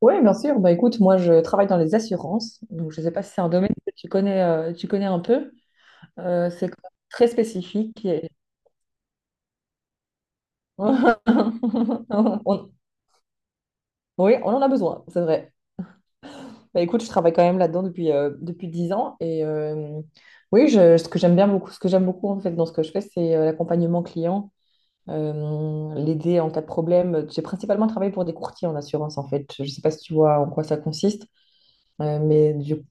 Oui, bien sûr. Bah, écoute, moi, je travaille dans les assurances. Donc, je ne sais pas si c'est un domaine que tu connais un peu. C'est quand même très spécifique On- Oui, on en a besoin, c'est vrai. Bah écoute, je travaille quand même là-dedans depuis 10 ans. Oui, ce que j'aime beaucoup en fait dans ce que je fais, c'est l'accompagnement client, l'aider en cas de problème. J'ai principalement travaillé pour des courtiers en assurance en fait. Je ne sais pas si tu vois en quoi ça consiste. euh, mais du-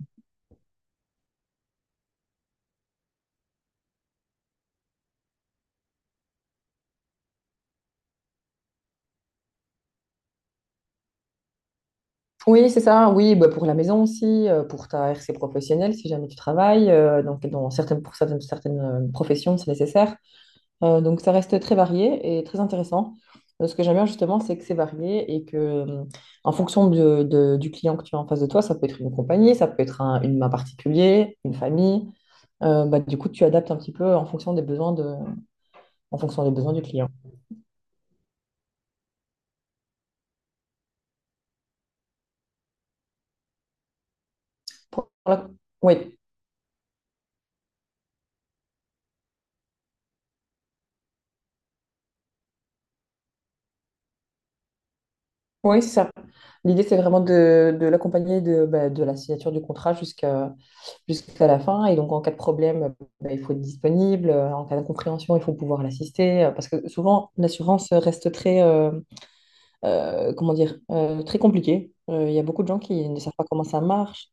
Oui, c'est ça, oui, bah, pour la maison aussi, pour ta RC professionnelle si jamais tu travailles. Donc pour certaines professions, c'est nécessaire. Donc ça reste très varié et très intéressant. Ce que j'aime bien justement, c'est que c'est varié et que en fonction du client que tu as en face de toi, ça peut être une compagnie, ça peut être une main particulier, une famille. Bah, du coup, tu adaptes un petit peu en fonction en fonction des besoins du client. Pour la- Oui, oui, c'est ça. L'idée, c'est vraiment de l'accompagner de, bah, de la signature du contrat jusqu'à la fin. Et donc, en cas de problème, bah, il faut être disponible. En cas d'incompréhension, il faut pouvoir l'assister. Parce que souvent, l'assurance reste comment dire, très compliquée. Il y a beaucoup de gens qui ne savent pas comment ça marche.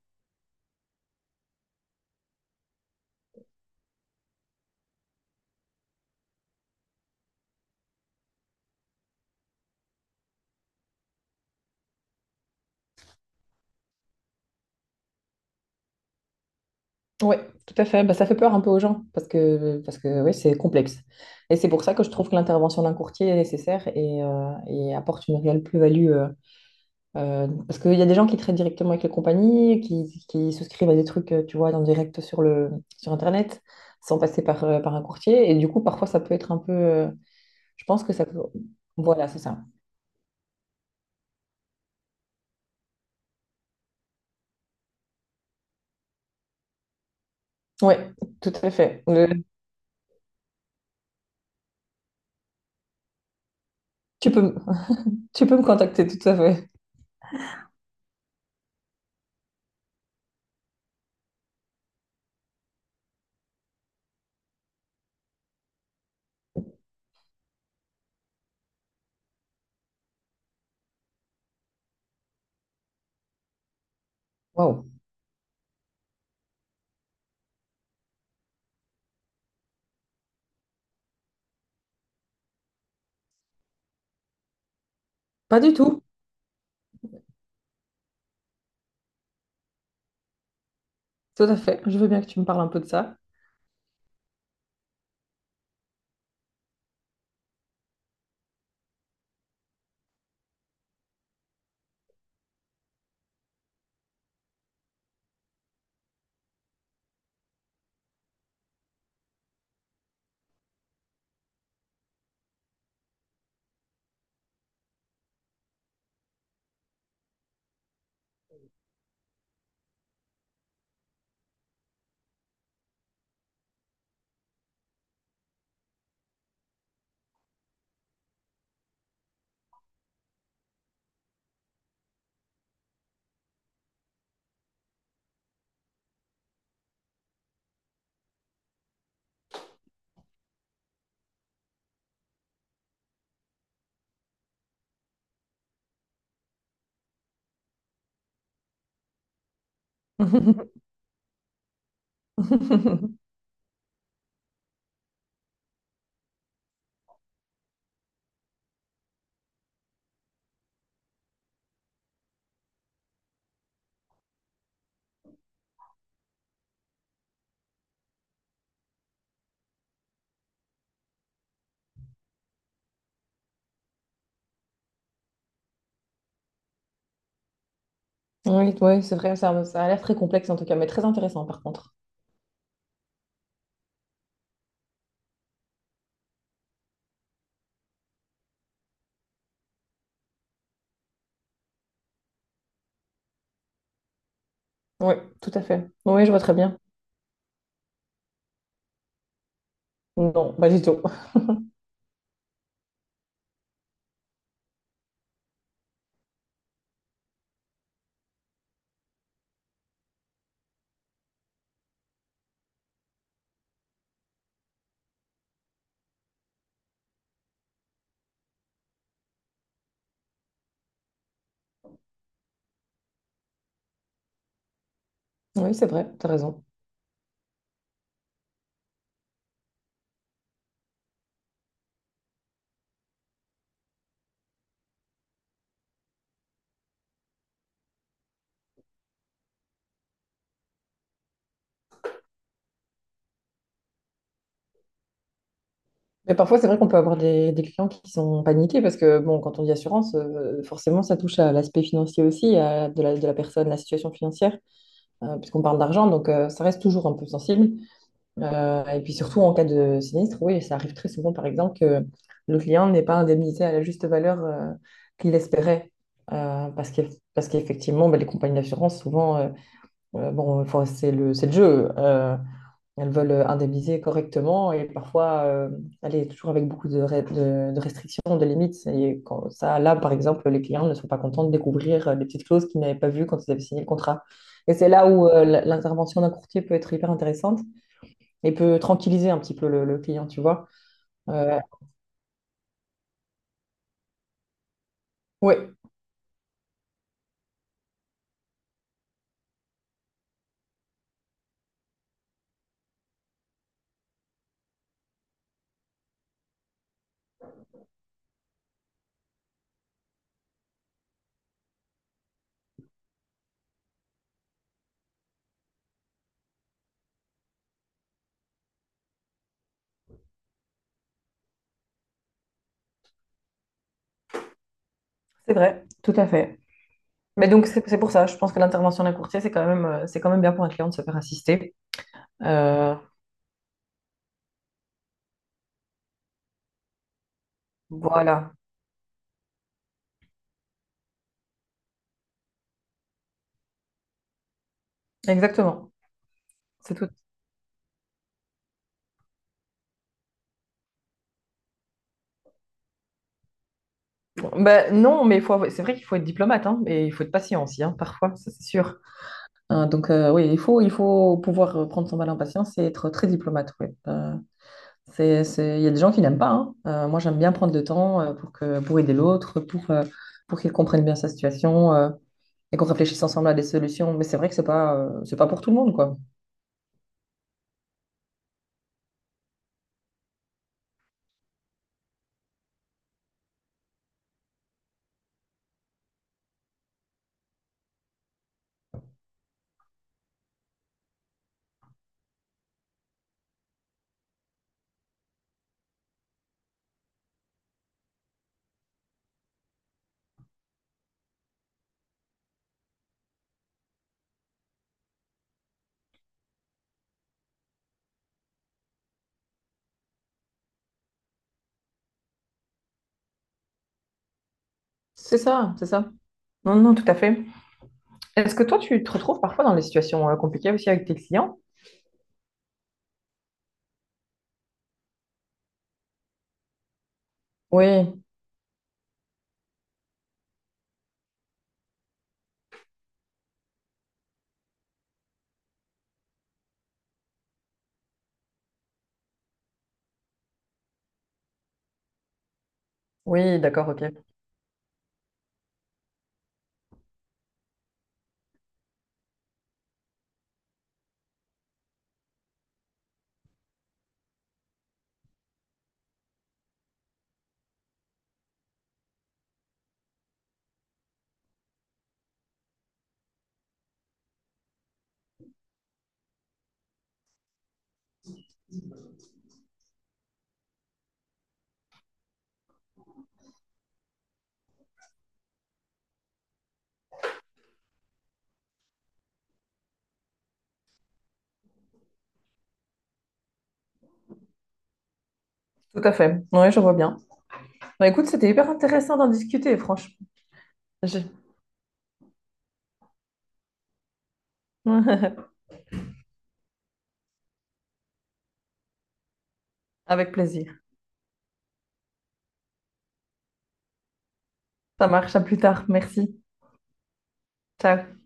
Oui, tout à fait. Bah, ça fait peur un peu aux gens parce que oui, c'est complexe. Et c'est pour ça que je trouve que l'intervention d'un courtier est nécessaire et apporte une réelle plus-value. Parce qu'il y a des gens qui traitent directement avec les compagnies, qui souscrivent à des trucs, tu vois, en direct sur Internet, sans passer par un courtier. Et du coup, parfois, ça peut être un peu... je pense que ça peut... Voilà, c'est ça. Oui, tout à fait. Tu peux, me- Tu peux me contacter, tout à fait. Waouh. Pas du tout, tout à fait. Je veux bien que tu me parles un peu de ça. Oui, oui, c'est vrai, ça a l'air très complexe en tout cas, mais très intéressant par contre. Oui, tout à fait. Oui, je vois très bien. Non, pas du tout. Oui, c'est vrai, t'as raison. Mais parfois, c'est vrai qu'on peut avoir des clients qui sont paniqués parce que, bon, quand on dit assurance, forcément, ça touche à l'aspect financier aussi, de la personne, la situation financière, puisqu'on parle d'argent, donc ça reste toujours un peu sensible. Et puis surtout en cas de sinistre, oui, ça arrive très souvent, par exemple, que le client n'est pas indemnisé à la juste valeur qu'il espérait. Euh, parce que, parce qu'effectivement, ben, les compagnies d'assurance, souvent, enfin, c'est le jeu. Elles veulent indemniser correctement et parfois, elle est toujours avec beaucoup de restrictions, de limites. Et quand, ça, là, par exemple, les clients ne sont pas contents de découvrir des petites clauses qu'ils n'avaient pas vues quand ils avaient signé le contrat. Et c'est là où l'intervention d'un courtier peut être hyper intéressante et peut tranquilliser un petit peu le client, tu vois. Euh, oui, c'est vrai, tout à fait. Mais donc, c'est pour ça, je pense que l'intervention d'un courtier, c'est quand même bien pour un client de se faire assister. Euh, voilà, exactement. C'est tout. Ben, non, mais c'est vrai qu'il faut être diplomate, hein, et il faut être patient aussi, hein, parfois, ça c'est sûr. Oui, il faut pouvoir prendre son mal en patience et être très diplomate, ouais. C'est... Il y a des gens qui n'aiment pas, hein. Moi, j'aime bien prendre le temps pour pour aider l'autre, pour qu'il comprenne bien sa situation. Et qu'on réfléchisse ensemble à des solutions. Mais c'est vrai que c'est pas pour tout le monde, quoi. C'est ça, c'est ça. Non, non, tout à fait. Est-ce que toi, tu te retrouves parfois dans des situations compliquées aussi avec tes clients? Oui, oui, d'accord, ok. Tout à fait. Oui, je vois bien. Bah, écoute, c'était hyper intéressant d'en discuter, franchement. J'ai- Avec plaisir. Ça marche, à plus tard. Merci. Ciao.